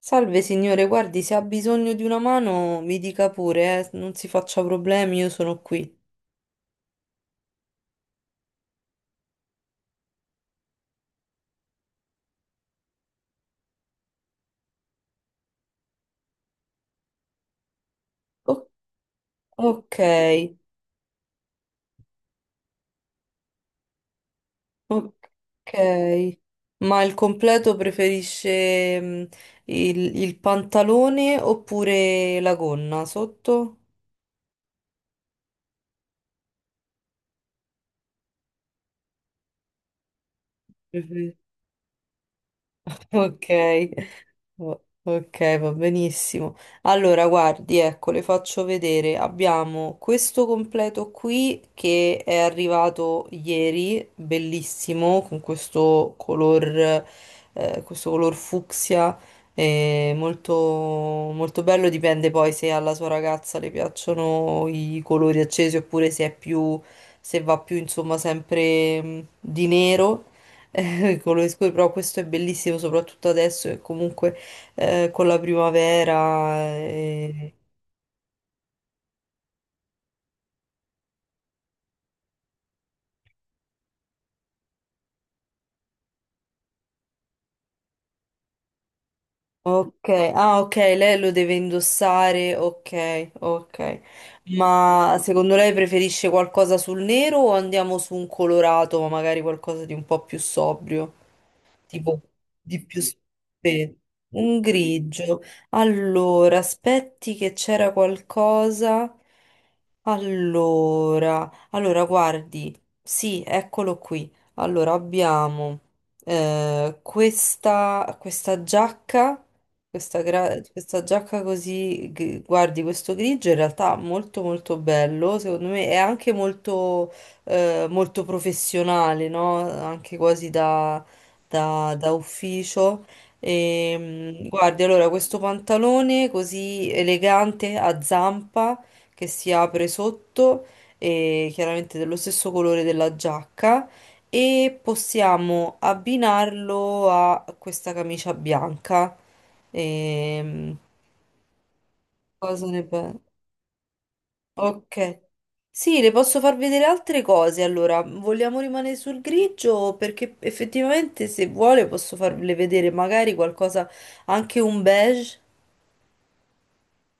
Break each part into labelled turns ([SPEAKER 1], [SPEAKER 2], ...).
[SPEAKER 1] Salve signore, guardi, se ha bisogno di una mano mi dica pure, non si faccia problemi, io sono qui. O- ok, ok. Ma il completo preferisce il pantalone oppure la gonna sotto? Mhm. Ok. O- Ok, va benissimo. Allora, guardi, ecco, le faccio vedere. Abbiamo questo completo qui che è arrivato ieri, bellissimo, con questo color fucsia, molto, molto bello. Dipende poi se alla sua ragazza le piacciono i colori accesi oppure se è più, se va più, insomma, sempre di nero. I colori scuri, però questo è bellissimo soprattutto adesso che comunque con la primavera. Eh. Ok, ah ok, lei lo deve indossare, ok, ok. Ma secondo lei preferisce qualcosa sul nero o andiamo su un colorato, ma magari qualcosa di un po' più sobrio? Tipo di più spe- un grigio. Allora, aspetti che c'era qualcosa. Allora, guardi, sì, eccolo qui. Allora abbiamo questa giacca, questa, gra- Mm. questa giacca così, guardi, questo grigio in realtà molto molto bello, secondo me è anche molto, molto professionale, no? Anche quasi da, da ufficio. E, guardi, allora, questo pantalone così elegante a zampa che si apre sotto e chiaramente dello stesso colore della giacca e possiamo abbinarlo a questa camicia bianca. Ehm, cosa ne pensi? Ok. Sì, le posso far vedere altre cose. Allora, vogliamo rimanere sul grigio? Perché effettivamente, se vuole, posso farle vedere magari qualcosa, anche un beige,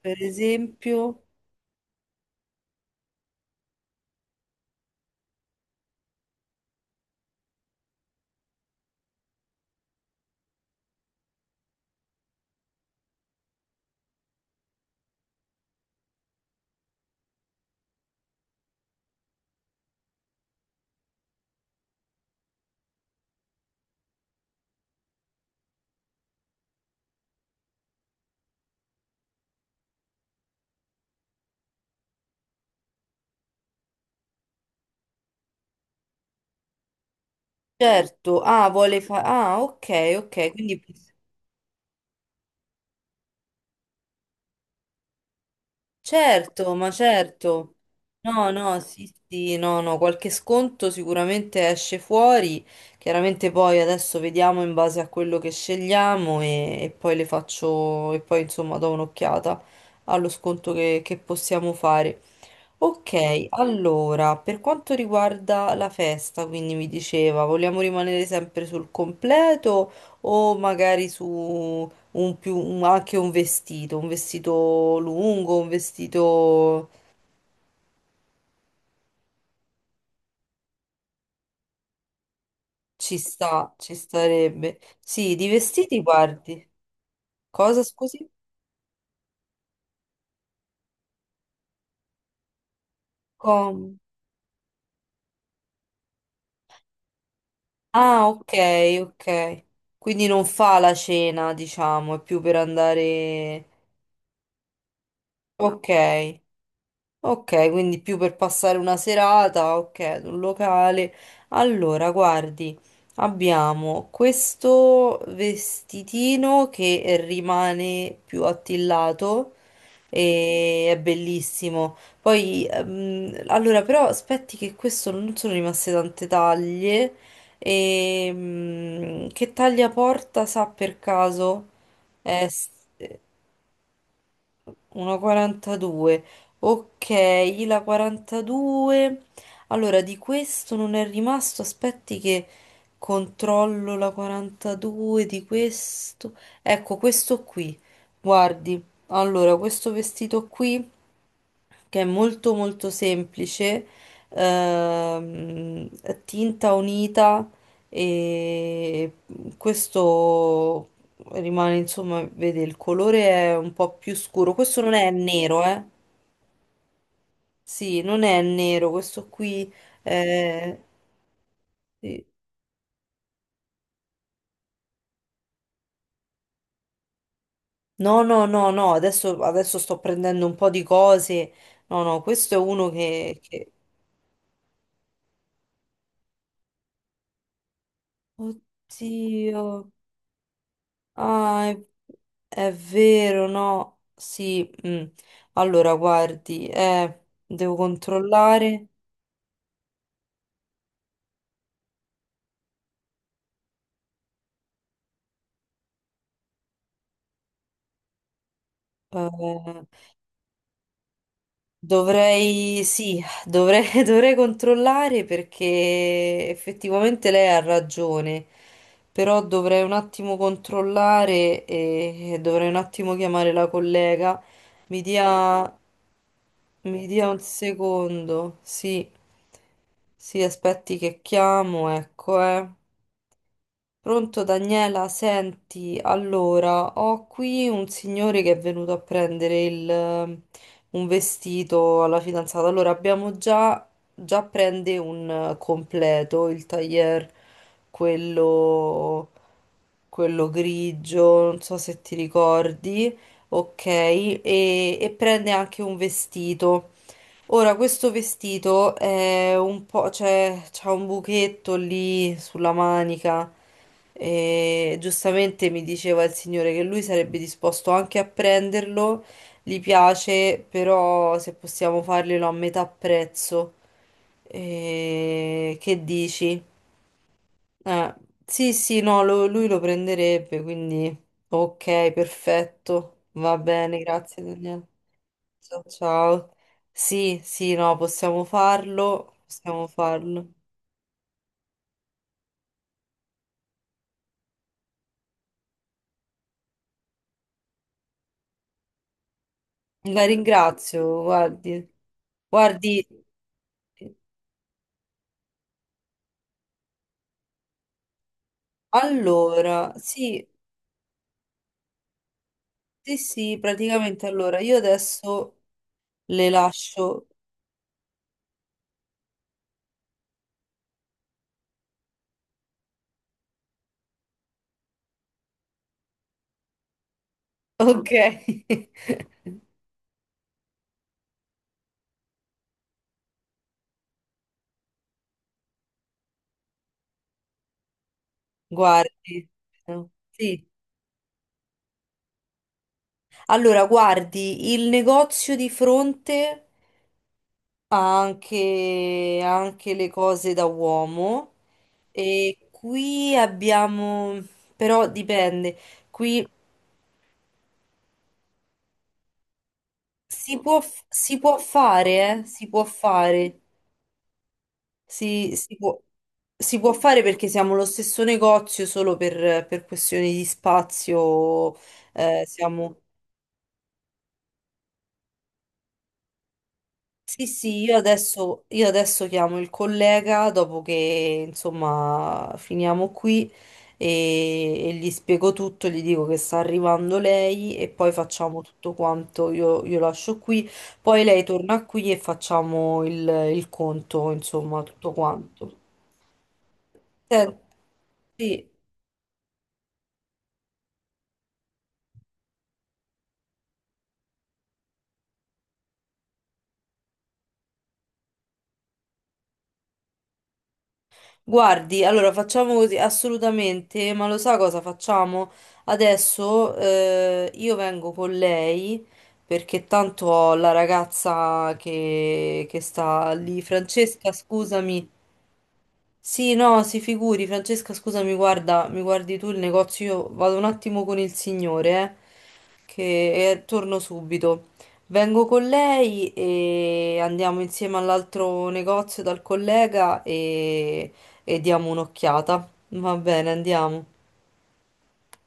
[SPEAKER 1] per esempio. Certo, ah, vuole fare... Ah, ok, ok, quindi... Certo, ma certo. No, no, sì, sì, no, no, qualche sconto sicuramente esce fuori. Chiaramente poi adesso vediamo in base a quello che scegliamo e poi le faccio e poi insomma do un'occhiata allo sconto che possiamo fare. Ok, allora, per quanto riguarda la festa, quindi mi diceva, vogliamo rimanere sempre sul completo o magari su anche un vestito lungo, un vestito ci sta, ci starebbe. Sì, di vestiti guardi. Cosa, scusi? Com- Ah, ok, ok. Quindi non fa la cena, diciamo, è più per andare... Ok. Ok, quindi più per passare una serata, ok, ad un locale. Allora, guardi, abbiamo questo vestitino che rimane più attillato e è bellissimo. Poi, allora, però aspetti che questo non sono rimaste tante taglie. E, che taglia porta, sa per caso? È 1,42. Ok, la 42. Allora, di questo non è rimasto. Aspetti che controllo la 42 di questo. Ecco, questo qui. Guardi. Allora, questo vestito qui che è molto molto semplice, ehm, tinta unita e questo rimane, insomma, vede il colore è un po' più scuro. Questo non è nero, eh? Sì, non è nero, questo qui è... sì. No, no, no, no, adesso, adesso sto prendendo un po' di cose. No, no, questo è uno che... Oddio. Ah, è vero, no? Sì, mm. Allora, guardi, devo controllare. eh, dovrei, sì, dovrei, dovrei controllare perché effettivamente lei ha ragione, però dovrei un attimo controllare e dovrei un attimo chiamare la collega. Mi dia, mi dia un secondo, sì, sì, aspetti che chiamo, ecco, eh. Pronto Daniela, senti, allora ho qui un signore che è venuto a prendere un vestito alla fidanzata. Allora già prende un completo, il tailleur, quello, quello grigio, non so se ti ricordi, ok, e prende anche un vestito. Ora, questo vestito è un po', cioè, c'ha un buchetto lì sulla manica e giustamente mi diceva il signore che lui sarebbe disposto anche a prenderlo, gli piace, però se possiamo farglielo a metà prezzo. E che dici? Eh, sì, sì, no, lui lo prenderebbe, quindi ok, perfetto, va bene, grazie Daniele. Ciao, ciao. Sì, sì, no, possiamo farlo, possiamo farlo. La ringrazio, guardi. Guardi, allora, sì, sì, sì, praticamente allora, io adesso le lascio, ok? Guardi, eh, sì. Allora, guardi, il negozio di fronte... anche, anche le cose da uomo. E qui abbiamo, però dipende, qui si si può fare, eh? Si può fare, si, si può, si può fare perché siamo lo stesso negozio, solo per questioni di spazio, siamo... Sì, sì, io adesso chiamo il collega dopo che insomma finiamo qui e, e gli spiego tutto, gli dico che sta arrivando lei e poi facciamo tutto quanto, io lascio qui, poi lei torna qui e facciamo il conto, insomma, tutto quanto. Sen- Sì. Guardi, allora facciamo così, assolutamente, ma lo sa cosa facciamo? Adesso io vengo con lei perché tanto ho la ragazza che sta lì, Francesca, scusami, sì, no, si figuri, Francesca, scusami, guarda, mi guardi tu il negozio, io vado un attimo con il signore, che e torno subito. Vengo con lei e andiamo insieme all'altro negozio dal collega e diamo un'occhiata. Va bene, andiamo.